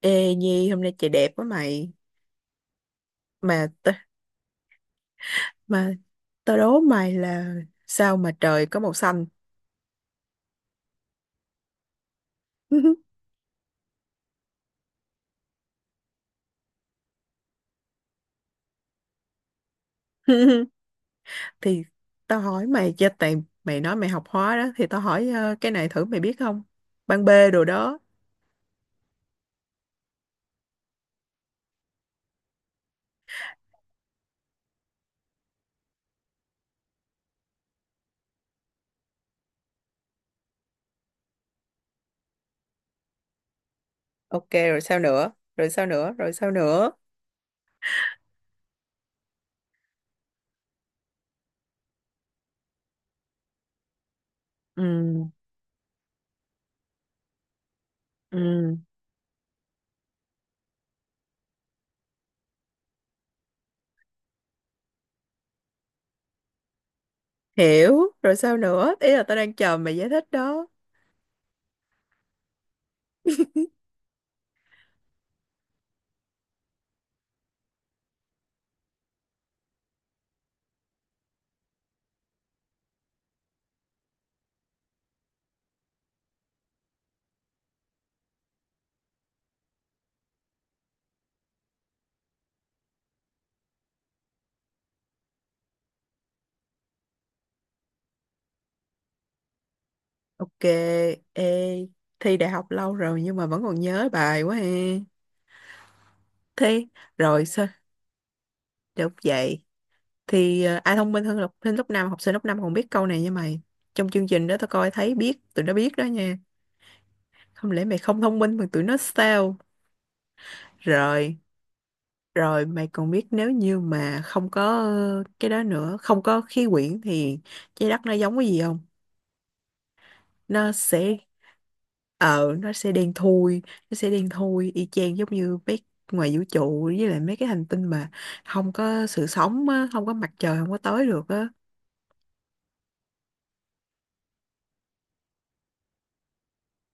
Ê Nhi, hôm nay trời đẹp quá mày. mà t- mà tao đố mày là sao mà trời có màu xanh? Thì tao hỏi mày cho, tại mày nói mày học hóa đó, thì tao hỏi, cái này thử mày biết không? Ban B đồ đó. Ok, rồi sao nữa, rồi sao nữa, rồi sao nữa? Ừ, ừ, hiểu rồi, sao nữa, ý là tao đang chờ mày giải thích đó. Ok. Ê, thi đại học lâu rồi nhưng mà vẫn còn nhớ bài quá ha. Thi rồi sao? Được vậy thì, ai thông minh hơn học sinh lớp năm, học sinh lớp 5 còn biết câu này nha mày. Trong chương trình đó tao coi thấy, biết tụi nó biết đó nha. Không lẽ mày không thông minh mà tụi nó sao? Rồi. Rồi mày còn biết, nếu như mà không có cái đó nữa, không có khí quyển thì trái đất nó giống cái gì không? Nó sẽ... Ờ, nó sẽ đen thui. Nó sẽ đen thui y chang giống như mấy... ngoài vũ trụ với lại mấy cái hành tinh mà không có sự sống á, không có mặt trời không có tới được á.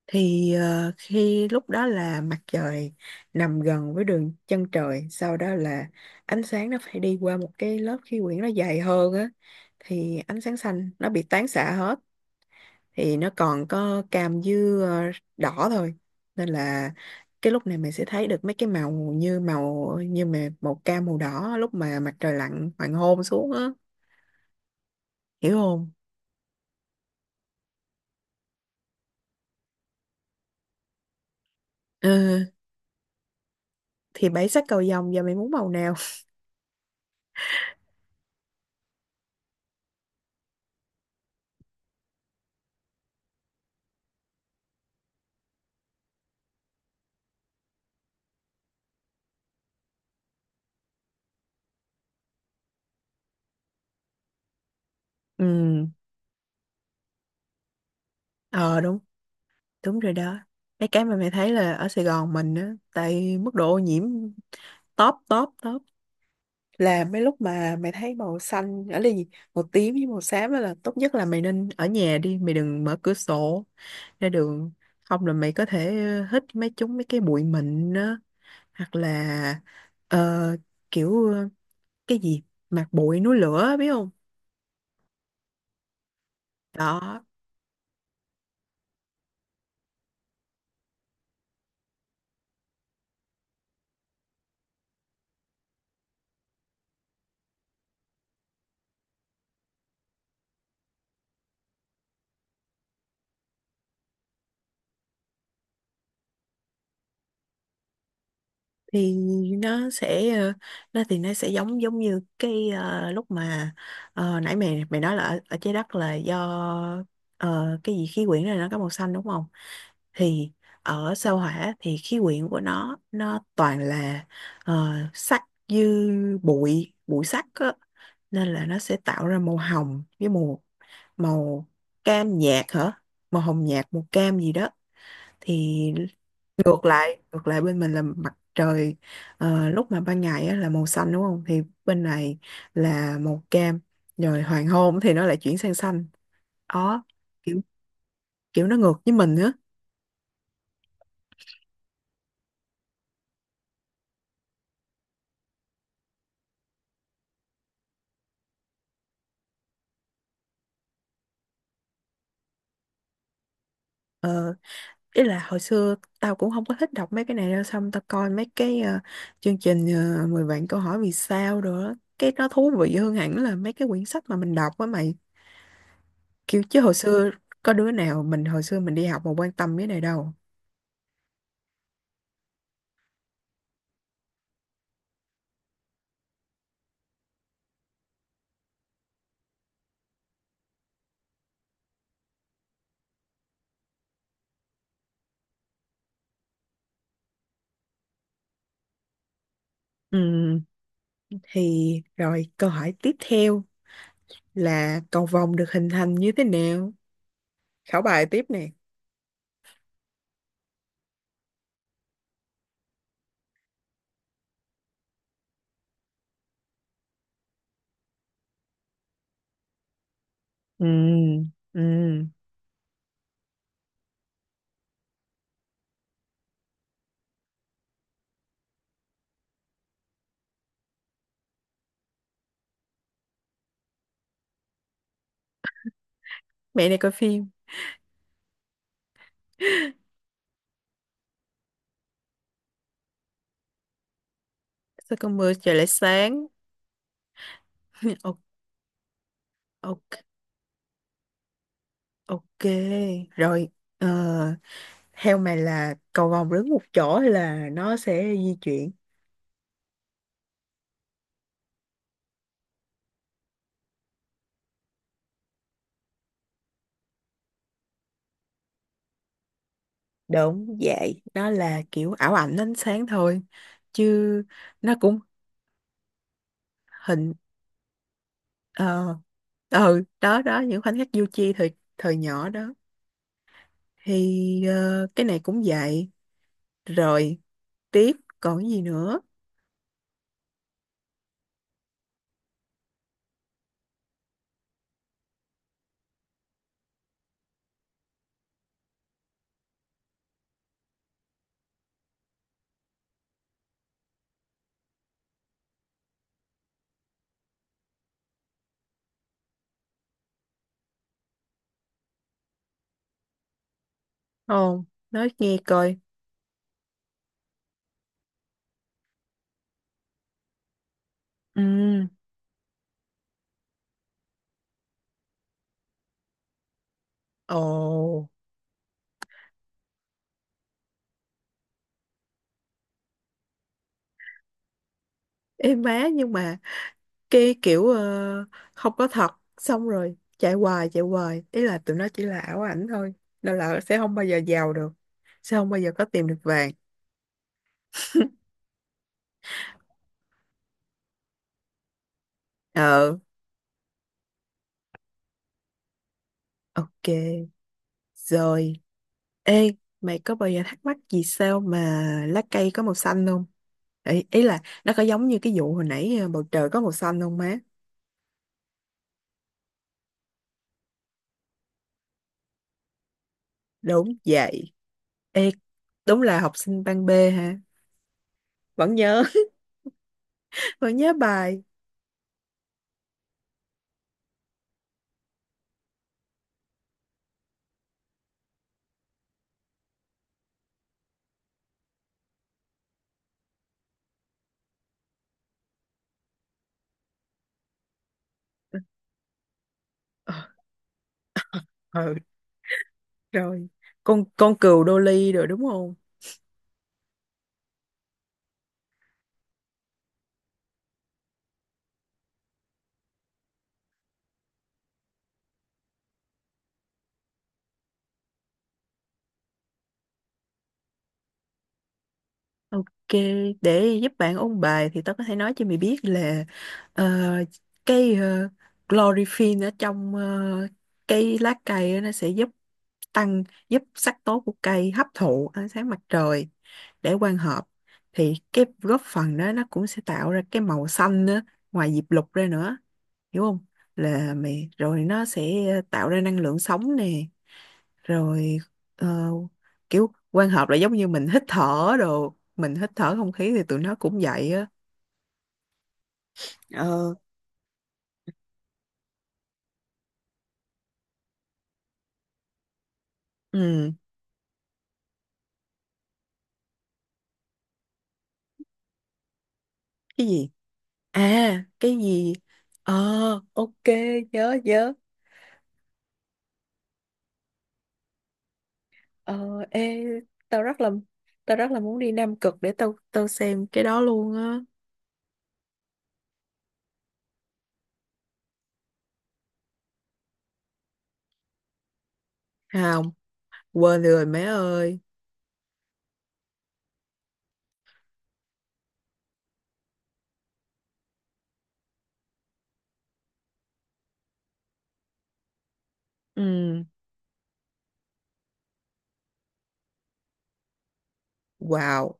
Thì khi lúc đó là mặt trời nằm gần với đường chân trời, sau đó là ánh sáng nó phải đi qua một cái lớp khí quyển nó dày hơn á, thì ánh sáng xanh nó bị tán xạ hết, thì nó còn có cam với ờ, đỏ thôi. Nên là cái lúc này mình sẽ thấy được mấy cái màu như mà màu cam màu đỏ lúc mà mặt trời lặn hoàng hôn xuống á. Hiểu không? Ừ, thì bảy sắc cầu vồng, giờ mày muốn màu nào? Ừ. Ờ đúng, đúng rồi đó. Mấy cái mà mày thấy là ở Sài Gòn mình á, tại mức độ ô nhiễm top top top, là mấy lúc mà mày thấy màu xanh ở đây gì, màu tím với màu xám á, là tốt nhất là mày nên ở nhà đi, mày đừng mở cửa sổ ra đường, không là mày có thể hít mấy chúng mấy cái bụi mịn á, hoặc là ờ, kiểu cái gì, mạt bụi núi lửa, biết không? Đó. Thì nó sẽ... Nó thì nó sẽ giống giống như cái, lúc mà nãy mày mày nói là ở, ở trái đất là do cái gì khí quyển này nó có màu xanh đúng không, thì ở sao hỏa thì khí quyển của nó toàn là sắt, dư bụi bụi sắt á, nên là nó sẽ tạo ra màu hồng với màu... màu cam nhạt hả, màu hồng nhạt màu cam gì đó. Thì ngược lại, ngược lại bên mình là mặt trời lúc mà ban ngày á là màu xanh đúng không, thì bên này là màu cam, rồi hoàng hôn thì nó lại chuyển sang xanh. Đó, kiểu, kiểu nó ngược với mình nữa. Ờ, ý là hồi xưa tao cũng không có thích đọc mấy cái này đâu, xong tao coi mấy cái chương trình 10 vạn câu hỏi vì sao rồi đó, cái nó thú vị hơn hẳn là mấy cái quyển sách mà mình đọc á mày. Kiểu chứ hồi xưa có đứa nào mình hồi xưa mình đi học mà quan tâm cái này đâu. Ừ. Thì rồi câu hỏi tiếp theo là cầu vồng được hình thành như thế nào? Khảo bài tiếp nè. Ừ, ừ. Mẹ này coi phim. Sao con mưa trời lại sáng? Ok, ok, ok. Rồi, ờ, theo mày là cầu vồng đứng một chỗ hay là nó sẽ di chuyển? Đúng vậy, nó là kiểu ảo ảnh ánh sáng thôi. Chứ nó cũng hình... Ờ, ừ, đó, đó, những khoảnh khắc du chi thời, thời nhỏ đó. Thì cái này cũng vậy. Rồi tiếp, còn cái gì nữa? Không, nói nghe coi. Ừ. Ồ. Ê má, nhưng mà cái kiểu không có thật, xong rồi chạy hoài chạy hoài, ý là tụi nó chỉ là ảo ảnh thôi, nên là sẽ không bao giờ giàu được, sẽ không bao giờ có tìm được vàng. Ờ. Ok. Rồi, ê, mày có bao giờ thắc mắc vì sao mà lá cây có màu xanh không? Ý, ý là nó có giống như cái vụ hồi nãy, bầu trời có màu xanh không má? Đúng vậy. Ê, đúng là học sinh ban B hả? Vẫn nhớ. Vẫn nhớ bài. Ờ, ừ, rồi. Con cừu đô ly rồi đúng không? Ok, để giúp bạn ôn bài thì tao có thể nói cho mày biết là ờ, cái chlorphene ở trong cái lá cây á, nó sẽ giúp tăng, giúp sắc tố của cây hấp thụ ánh sáng mặt trời để quang hợp, thì cái góp phần đó nó cũng sẽ tạo ra cái màu xanh nữa, ngoài diệp lục ra nữa, hiểu không? Là mày rồi nó sẽ tạo ra năng lượng sống nè. Rồi ờ, kiểu quan hợp là giống như mình hít thở đồ, mình hít thở không khí thì tụi nó cũng vậy á. Ờ. Ừ. Cái gì? À cái gì? Ờ. Ok, nhớ, nhớ. Ờ. Ê, tao rất là, tao rất là muốn đi Nam Cực để tao, tao xem cái đó luôn á. Không, quên rồi mẹ ơi. Ừ. Wow.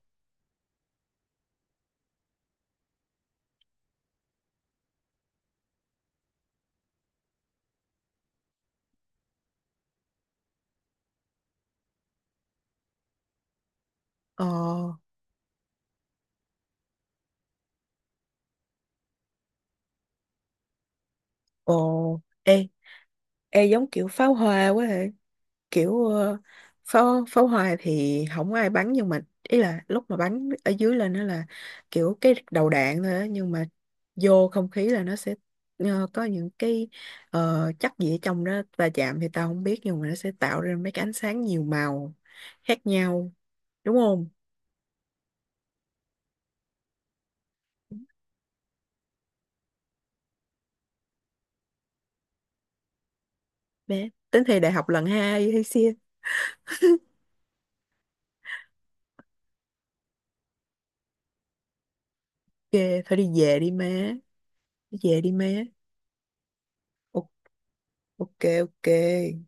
Ờ. Ồ. Ê, ê giống kiểu pháo hoa quá hả? Kiểu pháo, pháo hoa thì không có ai bắn, nhưng mà ý là lúc mà bắn ở dưới lên nó là kiểu cái đầu đạn thôi á, nhưng mà vô không khí là nó sẽ có những cái chất gì ở trong đó va chạm thì tao không biết, nhưng mà nó sẽ tạo ra mấy cái ánh sáng nhiều màu khác nhau, đúng không? Bé tính thi đại học lần hai hay xia? Ghê, thôi đi về đi má. Đi về đi má. O- ok, ok.